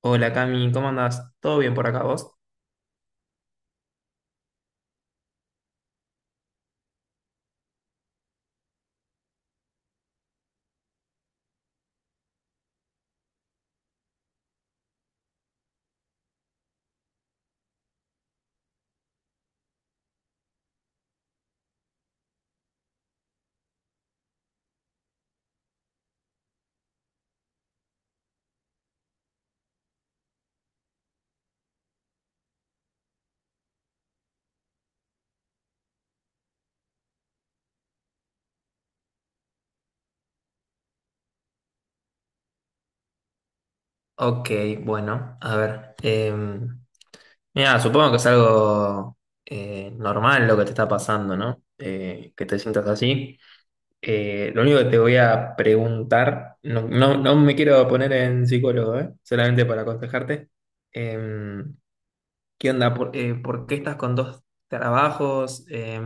Hola Cami, ¿cómo andás? ¿Todo bien por acá vos? Ok, bueno, a ver. Mira, supongo que es algo normal lo que te está pasando, ¿no? Que te sientas así. Lo único que te voy a preguntar, no me quiero poner en psicólogo, ¿eh? Solamente para aconsejarte. Em, ¿Qué onda? Por qué estás con dos trabajos?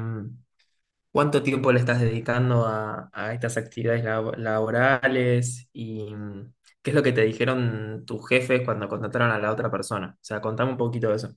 ¿Cuánto tiempo le estás dedicando a estas actividades laborales? ¿Y qué es lo que te dijeron tus jefes cuando contrataron a la otra persona? O sea, contame un poquito de eso.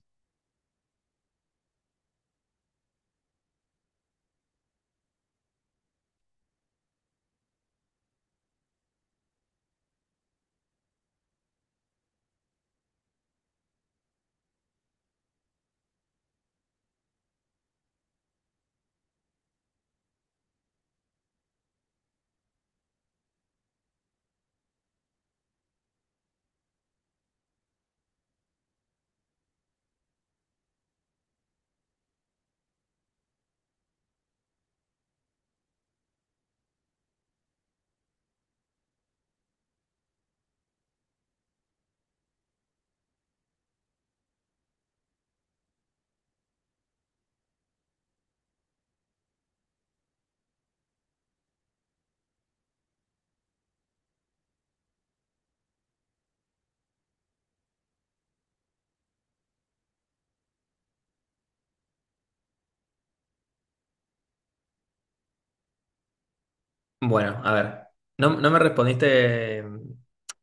Bueno, a ver, no me respondiste.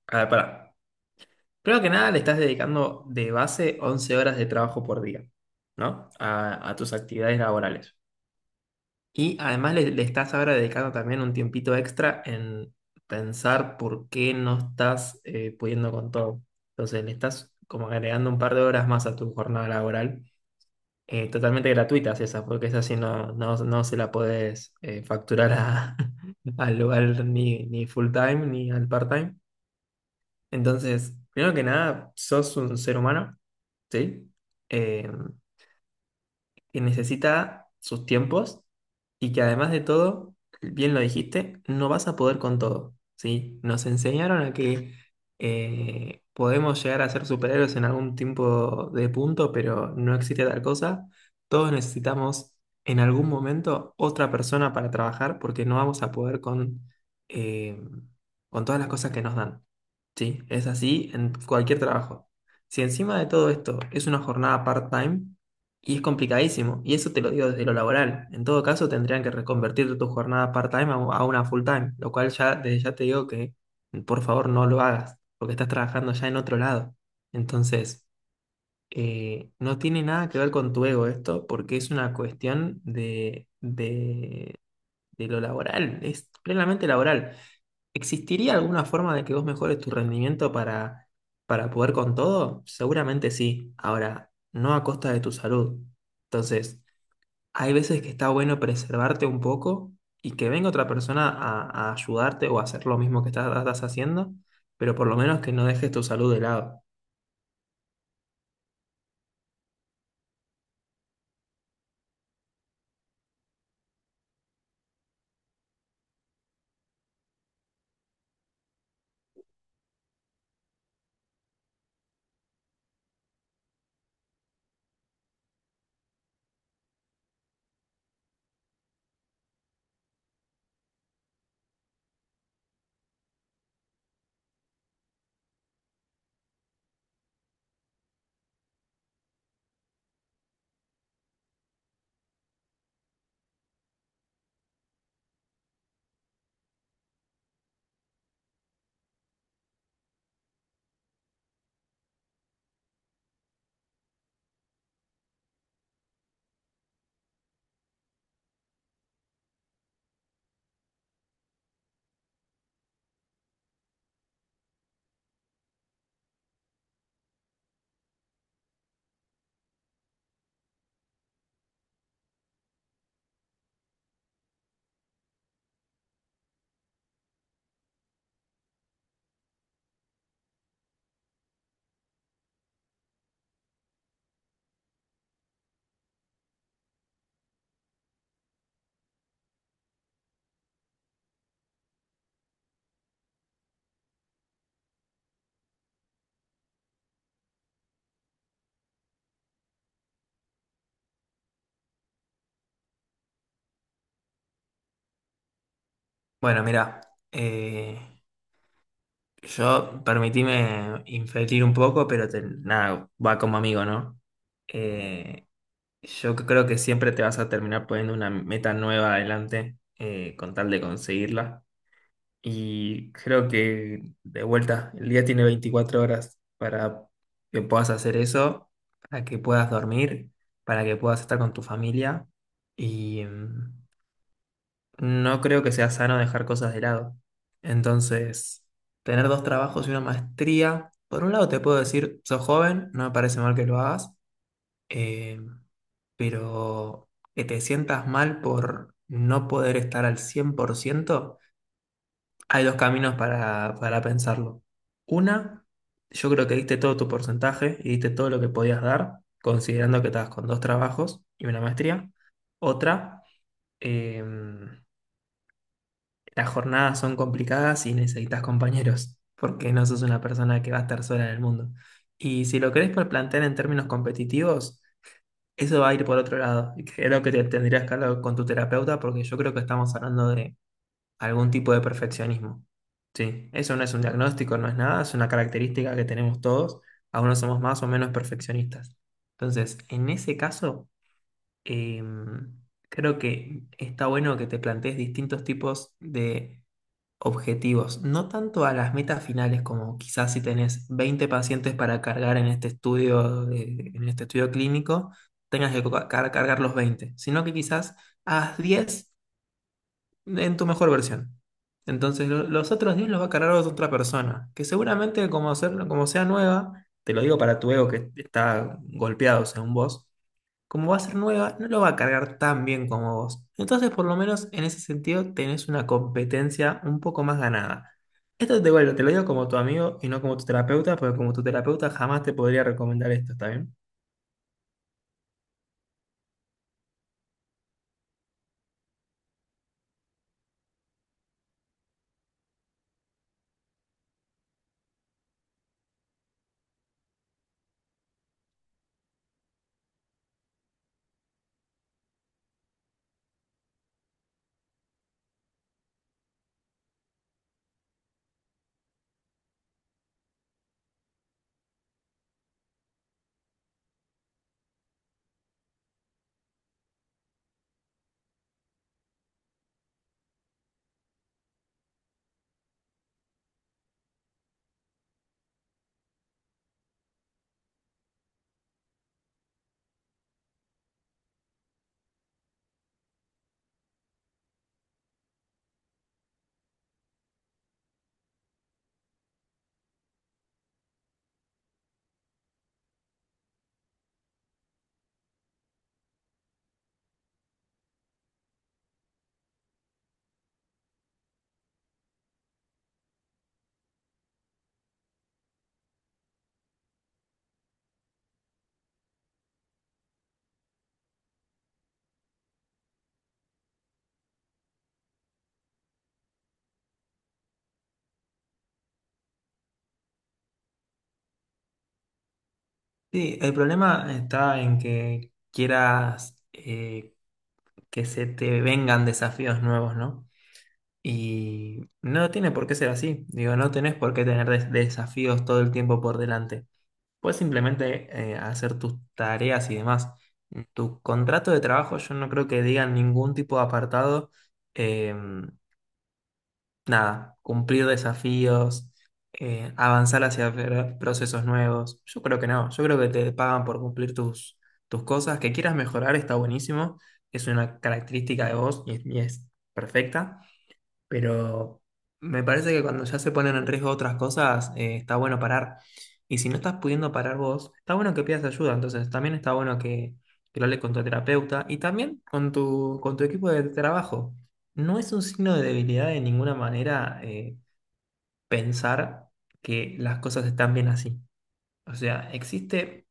A ver, pará. Primero que nada, le estás dedicando de base 11 horas de trabajo por día, ¿no? A tus actividades laborales. Y además le estás ahora dedicando también un tiempito extra en pensar por qué no estás pudiendo con todo. Entonces le estás como agregando un par de horas más a tu jornada laboral, totalmente gratuitas esas, porque esas sí no se la podés facturar al lugar ni full time ni al part time. Entonces, primero que nada, sos un ser humano, ¿sí? Eh, que necesita sus tiempos y que además de todo, bien lo dijiste, no vas a poder con todo, ¿sí? Nos enseñaron a que podemos llegar a ser superhéroes en algún tipo de punto, pero no existe tal cosa. Todos necesitamos en algún momento otra persona para trabajar porque no vamos a poder con, eh, con todas las cosas que nos dan. Sí, es así en cualquier trabajo. Si encima de todo esto es una jornada part-time y es complicadísimo, y eso te lo digo desde lo laboral, en todo caso tendrían que reconvertir tu jornada part-time a una full-time, lo cual ya desde ya te digo que por favor no lo hagas, porque estás trabajando ya en otro lado. Entonces, no tiene nada que ver con tu ego esto, porque es una cuestión de lo laboral, es plenamente laboral. ¿Existiría alguna forma de que vos mejores tu rendimiento para poder con todo? Seguramente sí. Ahora, no a costa de tu salud. Entonces, hay veces que está bueno preservarte un poco y que venga otra persona a ayudarte o a hacer lo mismo que estás haciendo, pero por lo menos que no dejes tu salud de lado. Bueno, mira, eh, yo permitíme inferir un poco, pero nada, va como amigo, ¿no? Eh, Yo creo que siempre te vas a terminar poniendo una meta nueva adelante con tal de conseguirla. Y creo que de vuelta, el día tiene 24 horas para que puedas hacer eso, para que puedas dormir, para que puedas estar con tu familia. Y no creo que sea sano dejar cosas de lado. Entonces, tener dos trabajos y una maestría, por un lado te puedo decir, sos joven, no me parece mal que lo hagas eh, pero que te sientas mal por no poder estar al 100% hay dos caminos para pensarlo. Una, yo creo que diste todo tu porcentaje y diste todo lo que podías dar, considerando que estabas con dos trabajos y una maestría. Otra, eh, las jornadas son complicadas y necesitas compañeros, porque no sos una persona que va a estar sola en el mundo. Y si lo querés plantear en términos competitivos, eso va a ir por otro lado. Y creo que te tendrías que hablar con tu terapeuta porque yo creo que estamos hablando de algún tipo de perfeccionismo. Sí, eso no es un diagnóstico, no es nada, es una característica que tenemos todos. Algunos somos más o menos perfeccionistas. Entonces, en ese caso, em, creo que está bueno que te plantees distintos tipos de objetivos, no tanto a las metas finales como quizás si tenés 20 pacientes para cargar en este estudio, en este estudio clínico, tengas que cargar los 20 sino que quizás haz 10 en tu mejor versión. Entonces los otros 10 los va a cargar otra persona, que seguramente como, como sea nueva, te lo digo para tu ego que está golpeado según vos, como va a ser nueva, no lo va a cargar tan bien como vos. Entonces, por lo menos en ese sentido, tenés una competencia un poco más ganada. Esto te, bueno, te lo digo como tu amigo y no como tu terapeuta, porque como tu terapeuta jamás te podría recomendar esto, ¿está bien? Sí, el problema está en que quieras que se te vengan desafíos nuevos, ¿no? Y no tiene por qué ser así. Digo, no tenés por qué tener desafíos todo el tiempo por delante. Puedes simplemente hacer tus tareas y demás. En tu contrato de trabajo yo no creo que diga ningún tipo de apartado, eh, nada, cumplir desafíos, avanzar hacia procesos nuevos. Yo creo que no, yo creo que te pagan por cumplir tus cosas, que quieras mejorar está buenísimo, es una característica de vos y es perfecta, pero me parece que cuando ya se ponen en riesgo otras cosas, está bueno parar. Y si no estás pudiendo parar vos, está bueno que pidas ayuda. Entonces, también está bueno que lo hables con tu terapeuta y también con con tu equipo de trabajo. No es un signo de debilidad de ninguna manera pensar que las cosas están bien así. O sea, existe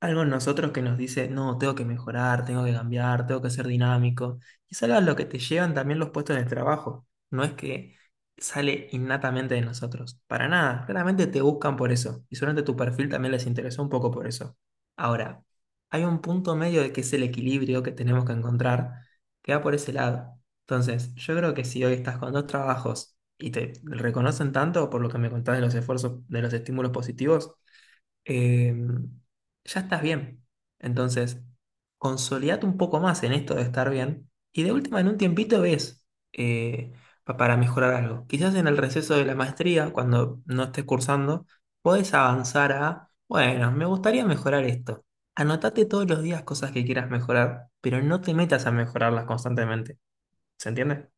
algo en nosotros que nos dice, no, tengo que mejorar, tengo que cambiar, tengo que ser dinámico. Y es algo a lo que te llevan también los puestos de trabajo. No es que sale innatamente de nosotros. Para nada. Claramente te buscan por eso. Y seguramente tu perfil también les interesó un poco por eso. Ahora, hay un punto medio de que es el equilibrio que tenemos que encontrar que va por ese lado. Entonces, yo creo que si hoy estás con dos trabajos y te reconocen tanto por lo que me contás de los esfuerzos, de los estímulos positivos, eh, ya estás bien. Entonces, consolidate un poco más en esto de estar bien y de última en un tiempito ves eh, para mejorar algo. Quizás en el receso de la maestría, cuando no estés cursando, podés avanzar a, bueno, me gustaría mejorar esto. Anotate todos los días cosas que quieras mejorar, pero no te metas a mejorarlas constantemente. ¿Se entiende?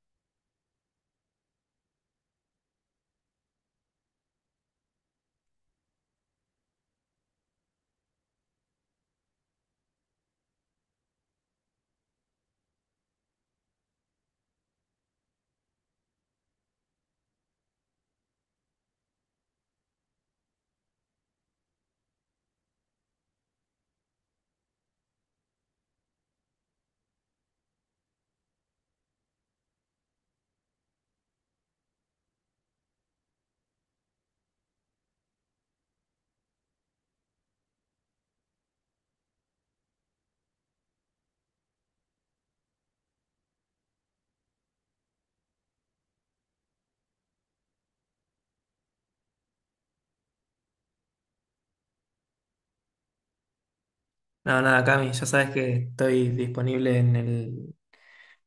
No, nada, Cami, ya sabes que estoy disponible en el,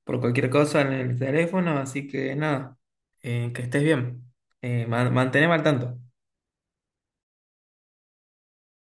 por cualquier cosa en el teléfono, así que nada, que estés bien, manteneme al tanto.